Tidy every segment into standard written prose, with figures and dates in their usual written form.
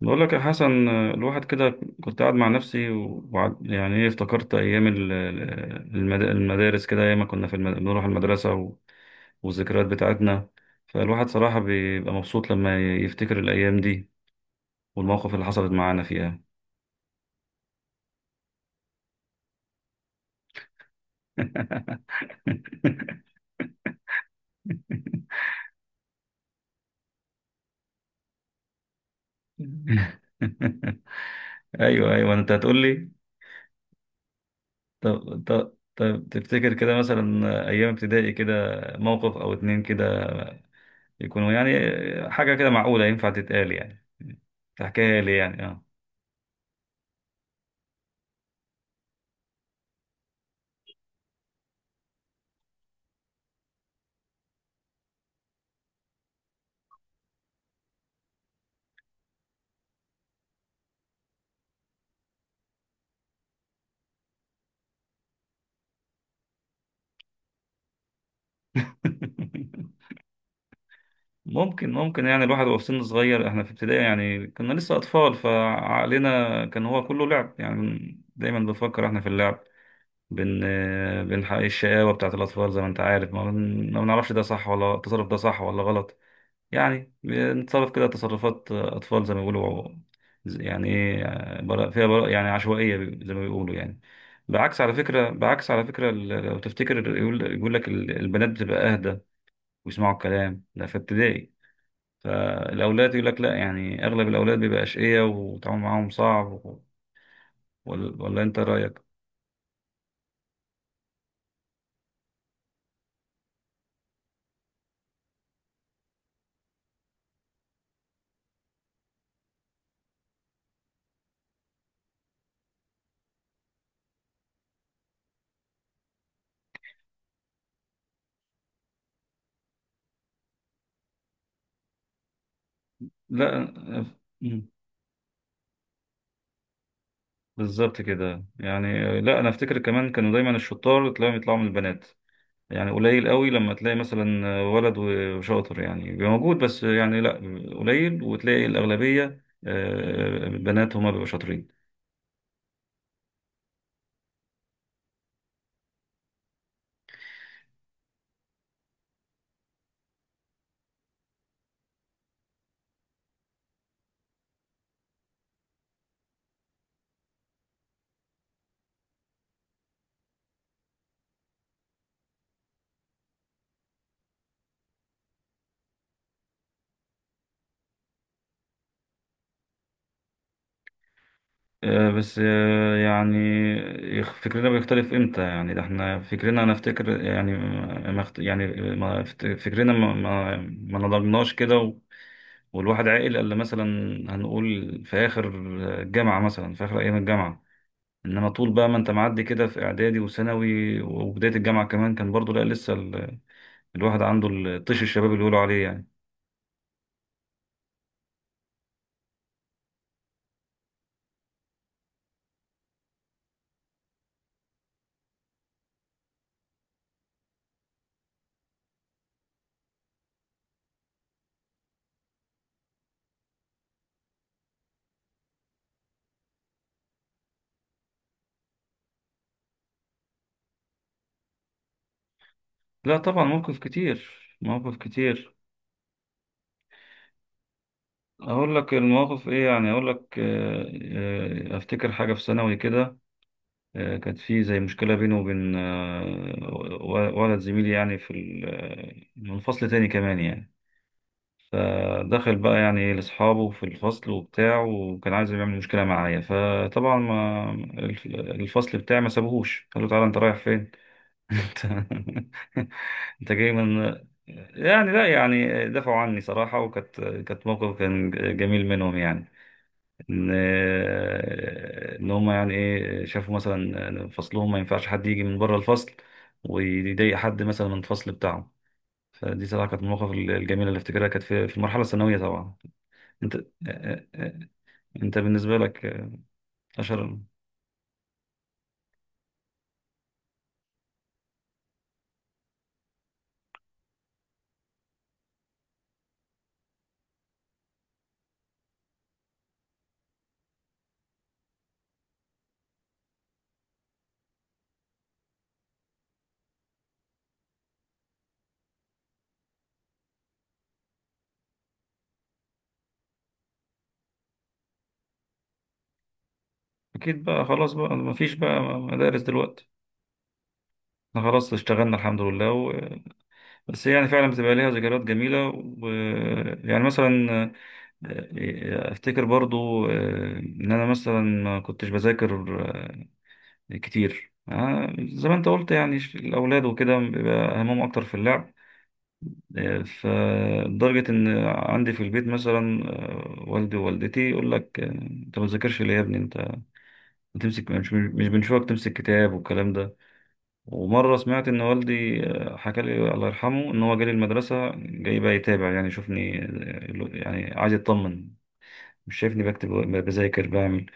بقول لك يا حسن، الواحد كده كنت قاعد مع نفسي، وبعد يعني ايه افتكرت ايام المدارس كده، ايام ما كنا في بنروح المدرسه والذكريات بتاعتنا. فالواحد صراحه بيبقى مبسوط لما يفتكر الايام دي والمواقف اللي حصلت معانا فيها. ايوه، انت هتقول لي. طب، طب تفتكر كده مثلا ايام ابتدائي كده موقف او اتنين كده، يكونوا حاجة كده معقولة ينفع تتقال، يعني تحكيها لي، اه. ممكن الواحد وهو في سن صغير، احنا في ابتدائي يعني كنا لسه أطفال، فعقلنا كان هو كله لعب، يعني دايما بنفكر احنا في اللعب. بن بنحقق الشقاوة بتاعت الأطفال، زي ما أنت عارف، ما بنعرفش ده صح ولا التصرف ده صح ولا غلط. يعني نتصرف كده تصرفات أطفال زي ما بيقولوا، يعني إيه، براء فيها، براء يعني عشوائية زي ما بيقولوا يعني. بعكس على فكرة، بعكس على فكرة لو تفتكر، يقول لك البنات بتبقى أهدى ويسمعوا الكلام ده في ابتدائي. فالأولاد يقول لك لا، يعني أغلب الأولاد بيبقى أشقية والتعامل معاهم صعب ولا أنت رأيك؟ لا، أف- بالظبط كده. يعني لا، أنا أفتكر كمان كانوا دايما الشطار تلاقيهم يطلعوا من البنات، يعني قليل قوي لما تلاقي مثلا ولد وشاطر، يعني بيبقى موجود بس يعني لا، قليل، وتلاقي الأغلبية آه، بنات هما بيبقوا شاطرين. آه، بس آه، يعني فكرنا بيختلف امتى؟ يعني ده احنا فكرنا، انا افتكر يعني ما اخت- يعني ما افت- فكرنا ما نضجناش كده، والواحد عاقل الا مثلا، هنقول في اخر الجامعة مثلا، في اخر ايام الجامعة. انما طول بقى ما انت معدي كده في اعدادي وثانوي وبداية الجامعة كمان، كان برضو لا لسه الواحد عنده الطيش، الشباب اللي بيقولوا عليه يعني. لا طبعا، موقف كتير، مواقف كتير. اقول لك المواقف ايه؟ يعني اقول لك آه، آه، افتكر حاجه في ثانوي كده. آه، كانت في زي مشكله بيني وبين آه، ولد زميلي، يعني في آه، من فصل تاني كمان يعني. دخل بقى يعني لاصحابه في الفصل وبتاع، وكان عايز يعمل مشكله معايا، فطبعا ما الفصل بتاعي ما سابوهوش، قال له تعالى انت رايح فين؟ انت انت جاي من؟ يعني لا، يعني دفعوا عني صراحة، وكانت كانت موقف كان جميل منهم يعني. ان ان هم يعني ايه، شافوا مثلا فصلهم ما ينفعش حد يجي من بره الفصل ويضايق حد مثلا من الفصل بتاعه. فدي صراحة كانت من المواقف الجميلة اللي افتكرها، كانت في في المرحلة الثانوية طبعا. انت، انت بالنسبة لك أشهر. أكيد بقى، خلاص بقى ما فيش بقى مدارس دلوقتي، احنا خلاص اشتغلنا الحمد لله. بس هي يعني فعلا بتبقى ليها ذكريات جميلة. و، يعني مثلا آه، أفتكر برضو آه، إن أنا مثلا ما كنتش بذاكر آه، كتير. آه، زي ما أنت قلت يعني، الأولاد وكده بيبقى همهم أكتر في اللعب. آه، فلدرجة إن عندي في البيت مثلا آه، والدي ووالدتي يقول لك آه، أنت ما بتذاكرش ليه يا ابني؟ أنت بتمسك، مش بنشوفك تمسك كتاب والكلام ده. ومرة سمعت إن والدي آه، حكى لي الله يرحمه، إن هو جالي المدرسة، جاي بقى يتابع، يعني يشوفني آه، يعني عايز يطمن، مش شايفني بكتب، بذاكر، بعمل.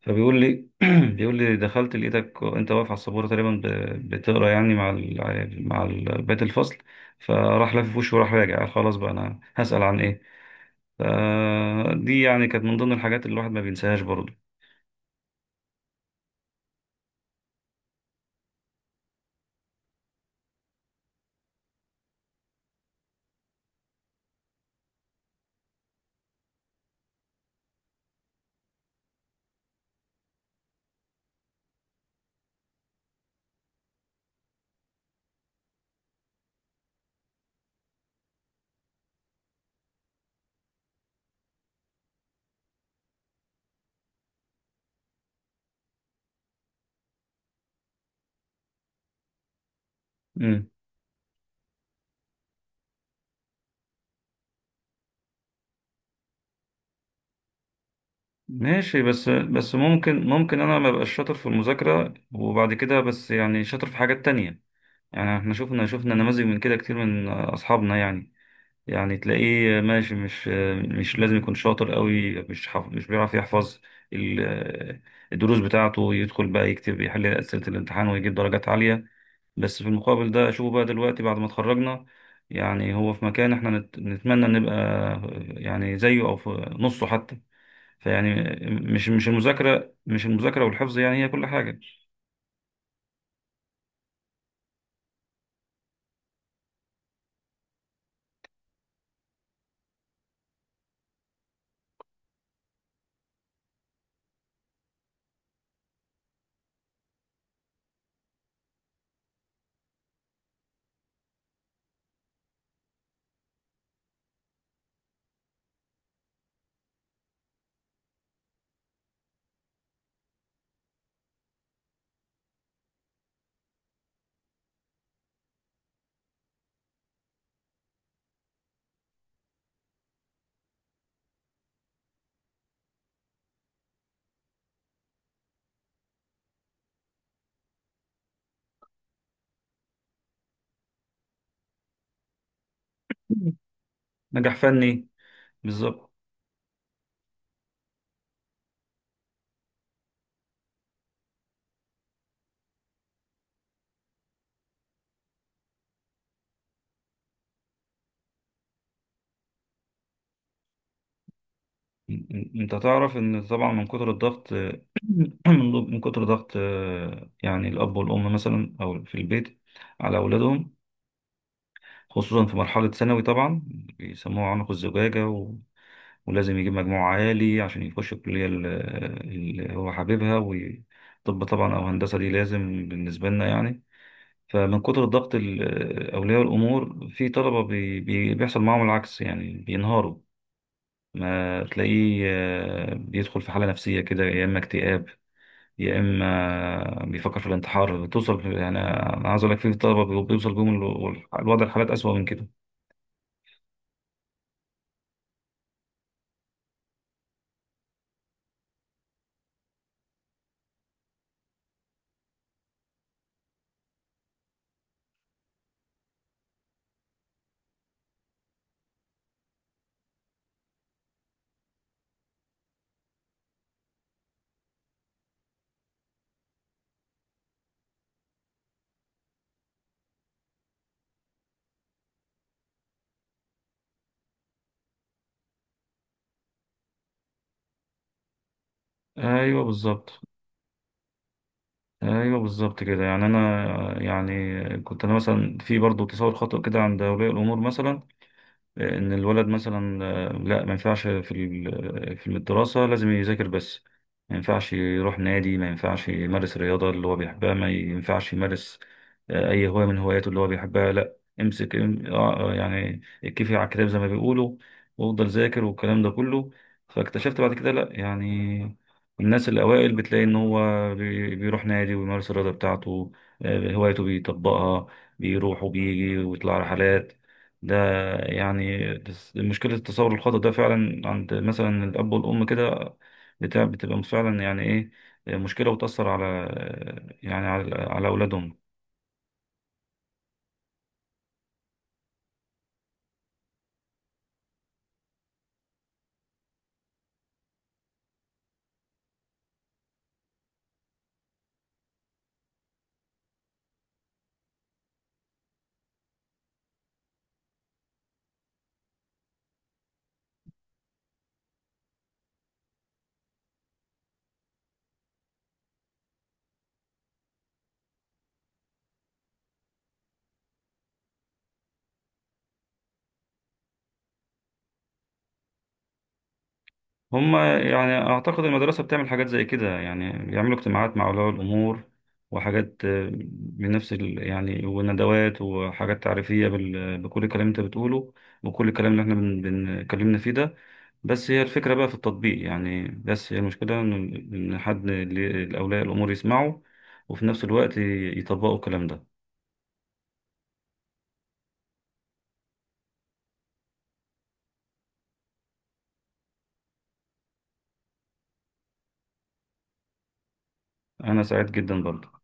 فبيقول لي بيقول لي دخلت لقيتك أنت واقف على السبورة تقريبا بتقرا يعني مع مع بقية الفصل. فراح لافف وشه وراح راجع، قال خلاص بقى، أنا هسأل عن إيه. فدي يعني كانت من ضمن الحاجات اللي الواحد ما بينساهاش برضه. ماشي، بس ممكن انا ما بقاش شاطر في المذاكره وبعد كده، بس يعني شاطر في حاجات تانية. يعني احنا شفنا نماذج من كده كتير من اصحابنا يعني. يعني تلاقيه ماشي، مش لازم يكون شاطر قوي، مش بيعرف يحفظ ال- الدروس بتاعته. يدخل بقى يكتب يحل اسئله الامتحان ويجيب درجات عاليه. بس في المقابل ده اشوفه بقى دلوقتي بعد ما اتخرجنا، يعني هو في مكان احنا نتمنى نبقى يعني زيه او في نصه حتى. فيعني مش المذاكرة، مش المذاكرة والحفظ يعني هي كل حاجة. مم. نجاح فني. بالظبط. م- انت تعرف ان طبعا من كتر الضغط، مم. من كتر ضغط آه، يعني الاب والام مثلا، او في البيت على اولادهم، خصوصا في مرحله ثانوي طبعا، بيسموها عنق الزجاجه ولازم يجيب مجموع عالي عشان يخش الكليه اللي هو حاببها، وطب طبعا او هندسه دي لازم بالنسبه لنا يعني. فمن كتر الضغط أولياء الأمور، في طلبة بيحصل معاهم العكس يعني، بينهاروا. ما تلاقيه آه، بيدخل في حالة نفسية كده، يا إما اكتئاب يا إما بيفكر في الانتحار. توصل يعني، أنا عايز أقول لك في طلبة بيوصل بيهم الوضع، الحالات أسوأ من كده. أيوه بالظبط. أيوه بالظبط كده. يعني أنا يعني كنت أنا مثلا، في برضه تصور خاطئ كده عند أولياء الأمور مثلا، ان الولد مثلا آه، لا ما ينفعش، في في الدراسة لازم يذاكر بس، ما ينفعش يروح نادي، ما ينفعش يمارس رياضة اللي هو بيحبها، ما ينفعش يمارس آه، اي هواية من هواياته اللي هو بيحبها، لا امسك، آه، آه، يعني اتكفي على الكتاب زي ما بيقولوا، وافضل ذاكر والكلام ده كله. فاكتشفت بعد كده لا يعني الناس الأوائل بتلاقي إن هو بيروح نادي ويمارس الرياضة بتاعته. آه، هوايته بيطبقها، بيروح وبيجي ويطلع رحلات ده. يعني بس مشكلة التصور الخاطئ ده فعلا عند مثلا الأب والأم كده بتاع، بتبقى فعلا يعني إيه، مشكلة وتأثر على، يعني على على أولادهم. هما يعني أعتقد المدرسة بتعمل حاجات زي كده يعني، بيعملوا اجتماعات مع أولياء الأمور وحاجات آه، بنفس يعني، وندوات وحاجات تعريفية بكل الكلام اللي أنت بتقوله وكل الكلام اللي إحنا بنتكلمنا فيه ده. بس هي الفكرة بقى في التطبيق يعني، بس هي المشكلة إن، إن حد الأولياء الأمور يسمعوا وفي نفس الوقت يطبقوا الكلام ده. أنا سعيد جدا برضه.